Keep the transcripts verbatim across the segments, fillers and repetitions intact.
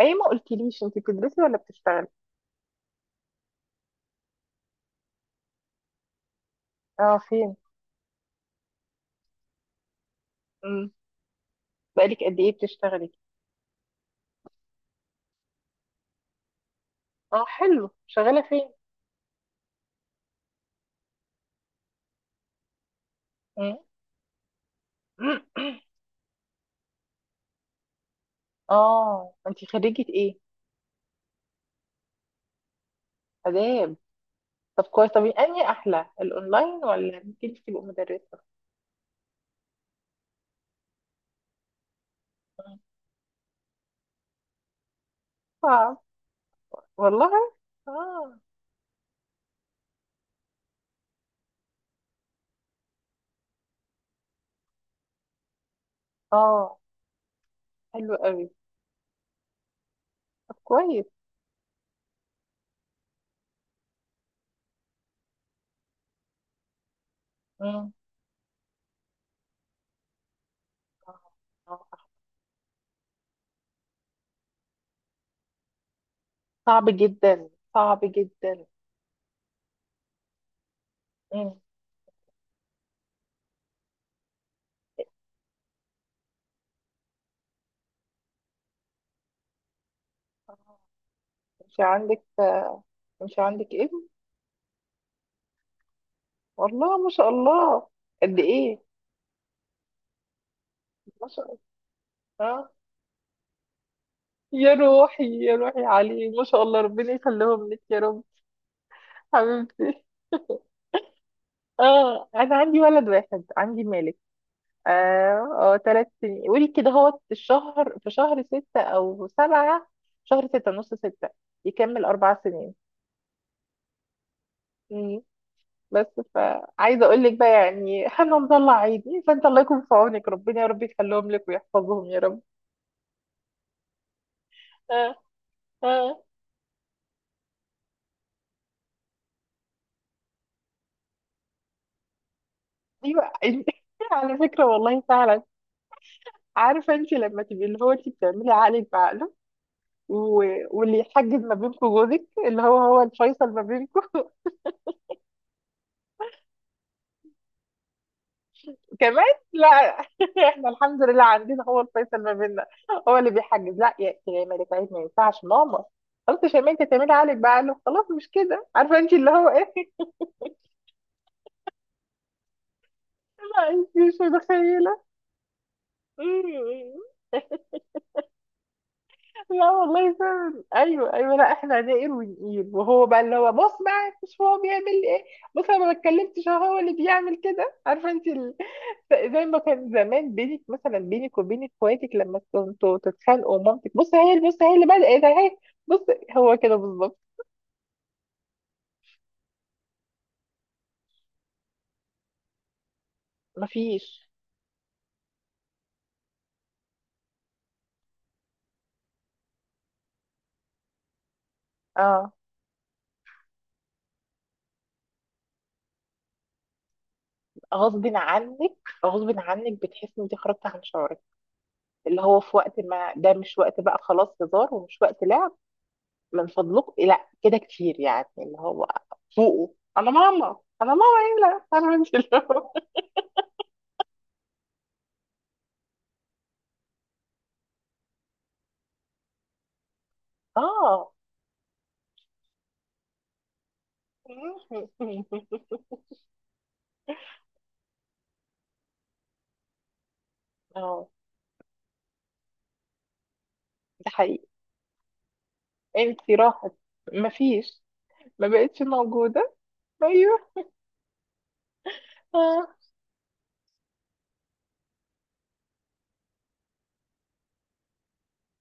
اي، ما قلتليش انت بتدرسي ولا بتشتغلي؟ اه، فين؟ امم. بقالك قد ايه بتشتغلي؟ اه حلو، شغاله فين؟ مم. اه انت خريجه ايه؟ اداب. طب كويس، طب انهي احلى، الاونلاين ولا انك انت تبقي مدرسه؟ مم. صعب. والله. اه. اه حلو قوي. طب كويس. مم. آه. آه. صعب جدا، صعب جدا. مم. آه. انت عندك انت عندك ابن؟ والله ما شاء الله. قد ايه؟ ما شاء الله. آه. يا روحي، يا روحي عليه، ما شاء الله، ربنا يخليهم لك يا رب. حبيبتي. اه انا عندي ولد واحد، عندي مالك. اه. اه ثلاث سنين، قولي كده، هو الشهر في شهر ستة او سبعة، شهر ستة نص ستة، يكمل اربع سنين. مم. بس. فعايزة اقول لك بقى يعني احنا مطلع عيني، فانت الله يكون في عونك، ربنا يا رب يخليهم لك ويحفظهم يا رب. اه. اه. ايوه. على فكرة والله فعلا. عارفه انت لما تبقي اللي هو انت بتعملي عقلك بعقله، و... واللي يحجز ما بينكم جوزك اللي هو هو الفيصل ما بينكم. كمان. لا. احنا الحمد لله عندنا هو الفيصل ما بيننا، هو اللي بيحجز. لا يا يا ملك، عيب، ما ينفعش ماما. خلاص يا شيماء، انت تعملي عقلك بعقله، خلاص مش كده، عارفه انت اللي هو ايه. لا انت مش متخيله. لا والله فعلا، ايوه ايوه، لا احنا هنقل ونقيل، وهو بقى اللي هو بص بقى، مش هو بيعمل ايه؟ بص انا ما اتكلمتش، أهو هو اللي بيعمل كده، عارفه انت ال... زي ما كان زمان بينك مثلا، بينك وبين اخواتك لما كنتوا تتخانقوا مامتك بص، هي بص، هي اللي بدأت اهي. بص. هو كده بالظبط. مفيش. اه. غصب عنك، غصب عنك، بتحس ان انت خرجت عن شعورك، اللي هو في وقت ما ده مش وقت بقى خلاص هزار ومش وقت لعب. من فضلك لا، كده كتير يعني اللي هو فوقه. انا ماما. انا ماما ايه؟ لا، فاهمه انت اللي هو. اه. اه. ده حقيقي، انت راحت، مفيش، ما بقتش موجوده. ايوه. آه.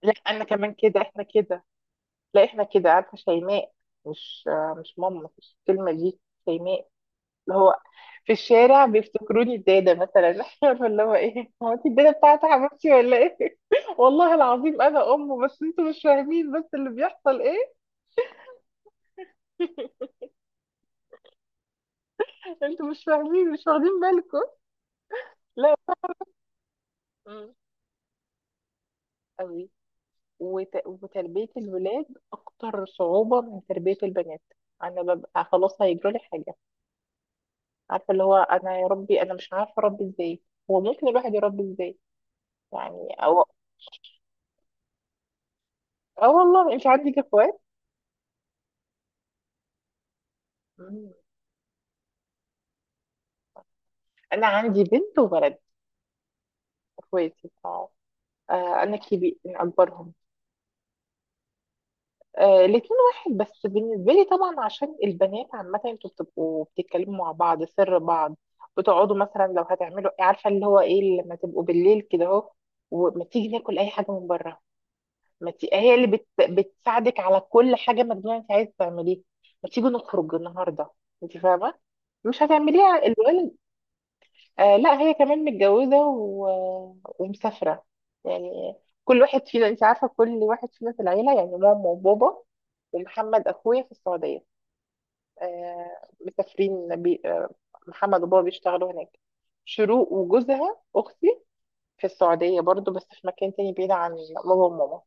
لا انا كمان كده، احنا كده، لا احنا كده، عارفه شيماء، مش آه، مش ماما، مش الكلمه دي، شيماء، اللي هو في الشارع بيفتكروني الدادة مثلا. عارفة اللي هو ايه، هو انت الدادة بتاعت حبيبتي ولا ايه؟ والله العظيم انا امه، بس انتوا مش فاهمين، بس اللي بيحصل ايه؟ انتوا مش فاهمين، مش واخدين بالكم. لا. مم. قوي. وت... وتربية الولاد أكتر صعوبة من تربية البنات. أنا ببقى خلاص هيجرالي حاجة، عارفة اللي هو، أنا يا ربي أنا مش عارفة أربي إزاي، هو ممكن الواحد يربي إزاي يعني أو. أه والله، أنت عندك إخوات؟ مم. أنا عندي بنت وولد. اخواتي اه. آه، انا كبير من اكبرهم. آه، الاتنين واحد بس بالنسبه لي طبعا، عشان البنات عامه انتوا بتبقوا بتتكلموا مع بعض سر بعض، بتقعدوا مثلا لو هتعملوا، عارفه اللي هو ايه، لما تبقوا بالليل كده اهو، وما تيجي ناكل اي حاجه من بره، ما تي... هي اللي بت... بتساعدك على كل حاجه مجنونه انت عايز تعمليها، ما تيجي نخرج النهارده، انت فاهمه، مش هتعمليها الولد. آه لا، هي كمان متجوزة و... ومسافرة، يعني كل واحد فينا، انت عارفة كل واحد فينا في العيلة، يعني ماما وبابا ومحمد أخويا في السعودية. آه. مسافرين بي... آه، محمد وبابا بيشتغلوا هناك، شروق وجوزها أختي في السعودية برضو، بس في مكان تاني بعيد عن بابا وماما.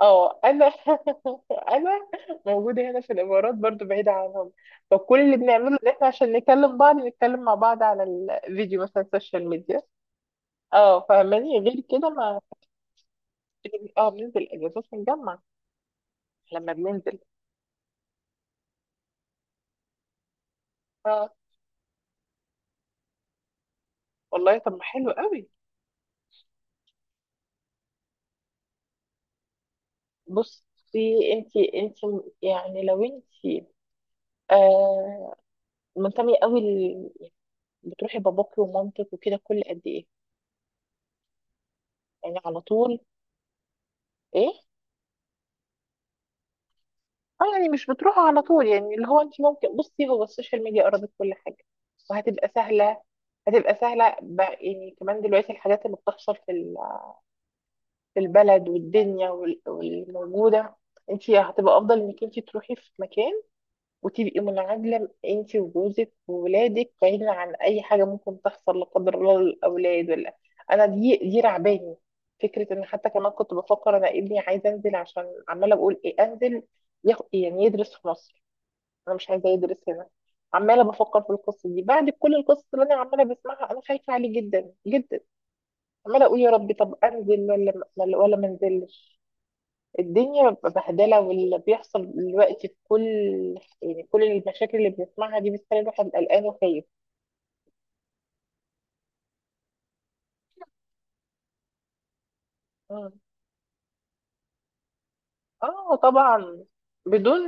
اه انا انا موجوده هنا في الامارات برضو، بعيده عنهم، فكل اللي بنعمله ان احنا عشان نكلم بعض نتكلم مع بعض على الفيديو مثلا، السوشيال ميديا. اه فاهماني، غير كده ما. اه بننزل اجازات، بنجمع لما بننزل. اه والله طب ما حلو قوي. بصي، انت انت يعني لو انت آه منتمية قوي ل- بتروحي باباكي ومامتك وكده كل قد ايه؟ يعني على طول؟ ايه؟ اه يعني مش بتروحوا على طول، يعني اللي هو انت ممكن بصي، هو السوشيال ميديا قربت كل حاجة، وهتبقى سهلة، هتبقى سهلة بقى. يعني كمان دلوقتي الحاجات اللي بتحصل في ال البلد والدنيا وال- والموجودة، انت هتبقى افضل انك انت تروحي في مكان وتبقي منعزله انت وجوزك وولادك بعيدا عن اي حاجه ممكن تحصل لا قدر الله للاولاد ولا انا دي دي رعباني فكره، ان حتى كمان كنت بفكر انا ابني عايز انزل، عشان عماله بقول ايه انزل، ياخ- يعني يدرس في مصر، انا مش عايزه يدرس هنا، عماله بفكر في القصه دي بعد كل القصص اللي انا عماله بسمعها، انا خايفه عليه جدا جدا، عماله اقول يا ربي طب انزل ولا ولا ولا ما انزلش. الدنيا بتبقى بهدلة، واللي بيحصل دلوقتي في كل، يعني كل المشاكل اللي بنسمعها دي بتخلي الواحد قلقان وخايف. مم. اه طبعا. بدون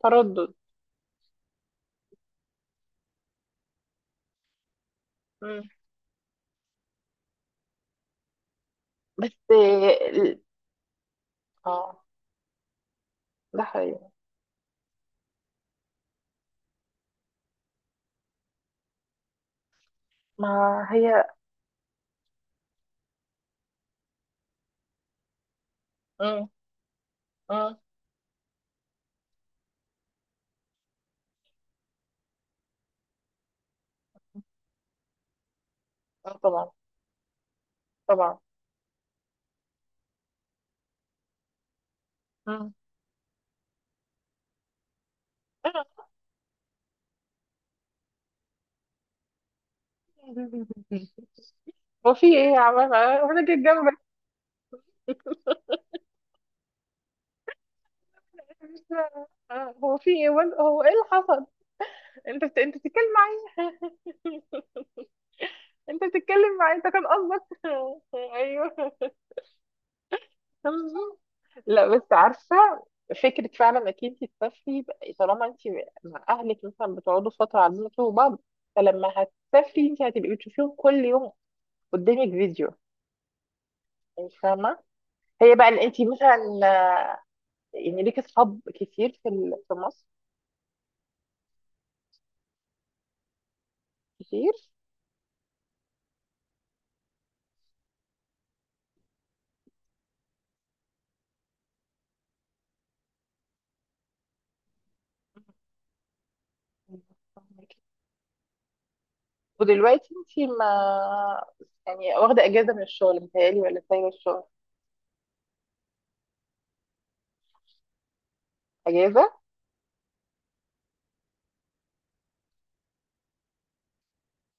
تردد. مم. بس ال- اه. ده حقيقي. ما هي. مم. مم. اه طبعا. طبعا. مم. هو في ايه يا عمال؟ آه، انا جيت جنبك. آه، هو في ايه وال- هو ايه اللي حصل؟ انت بت... انت بتتكلم معايا، انت بتتكلم معايا، انت كان قصدك. ايوه. لا بس عارفة، فكرة فعلا انك انت تسافري بقى، طالما انت مع اهلك مثلا بتقعدوا فترة، عارفين انتوا بعض، فلما هتسافري انت هتبقي بتشوفيهم كل يوم قدامك فيديو، انت فاهمة. هي بقى ان انت مثلا يعني ليك اصحاب كتير في ال- في مصر كتير؟ ودلوقتي انت ما، يعني واخدة اجازة من الشغل متهيألي، ولا سايبة الشغل اجازة؟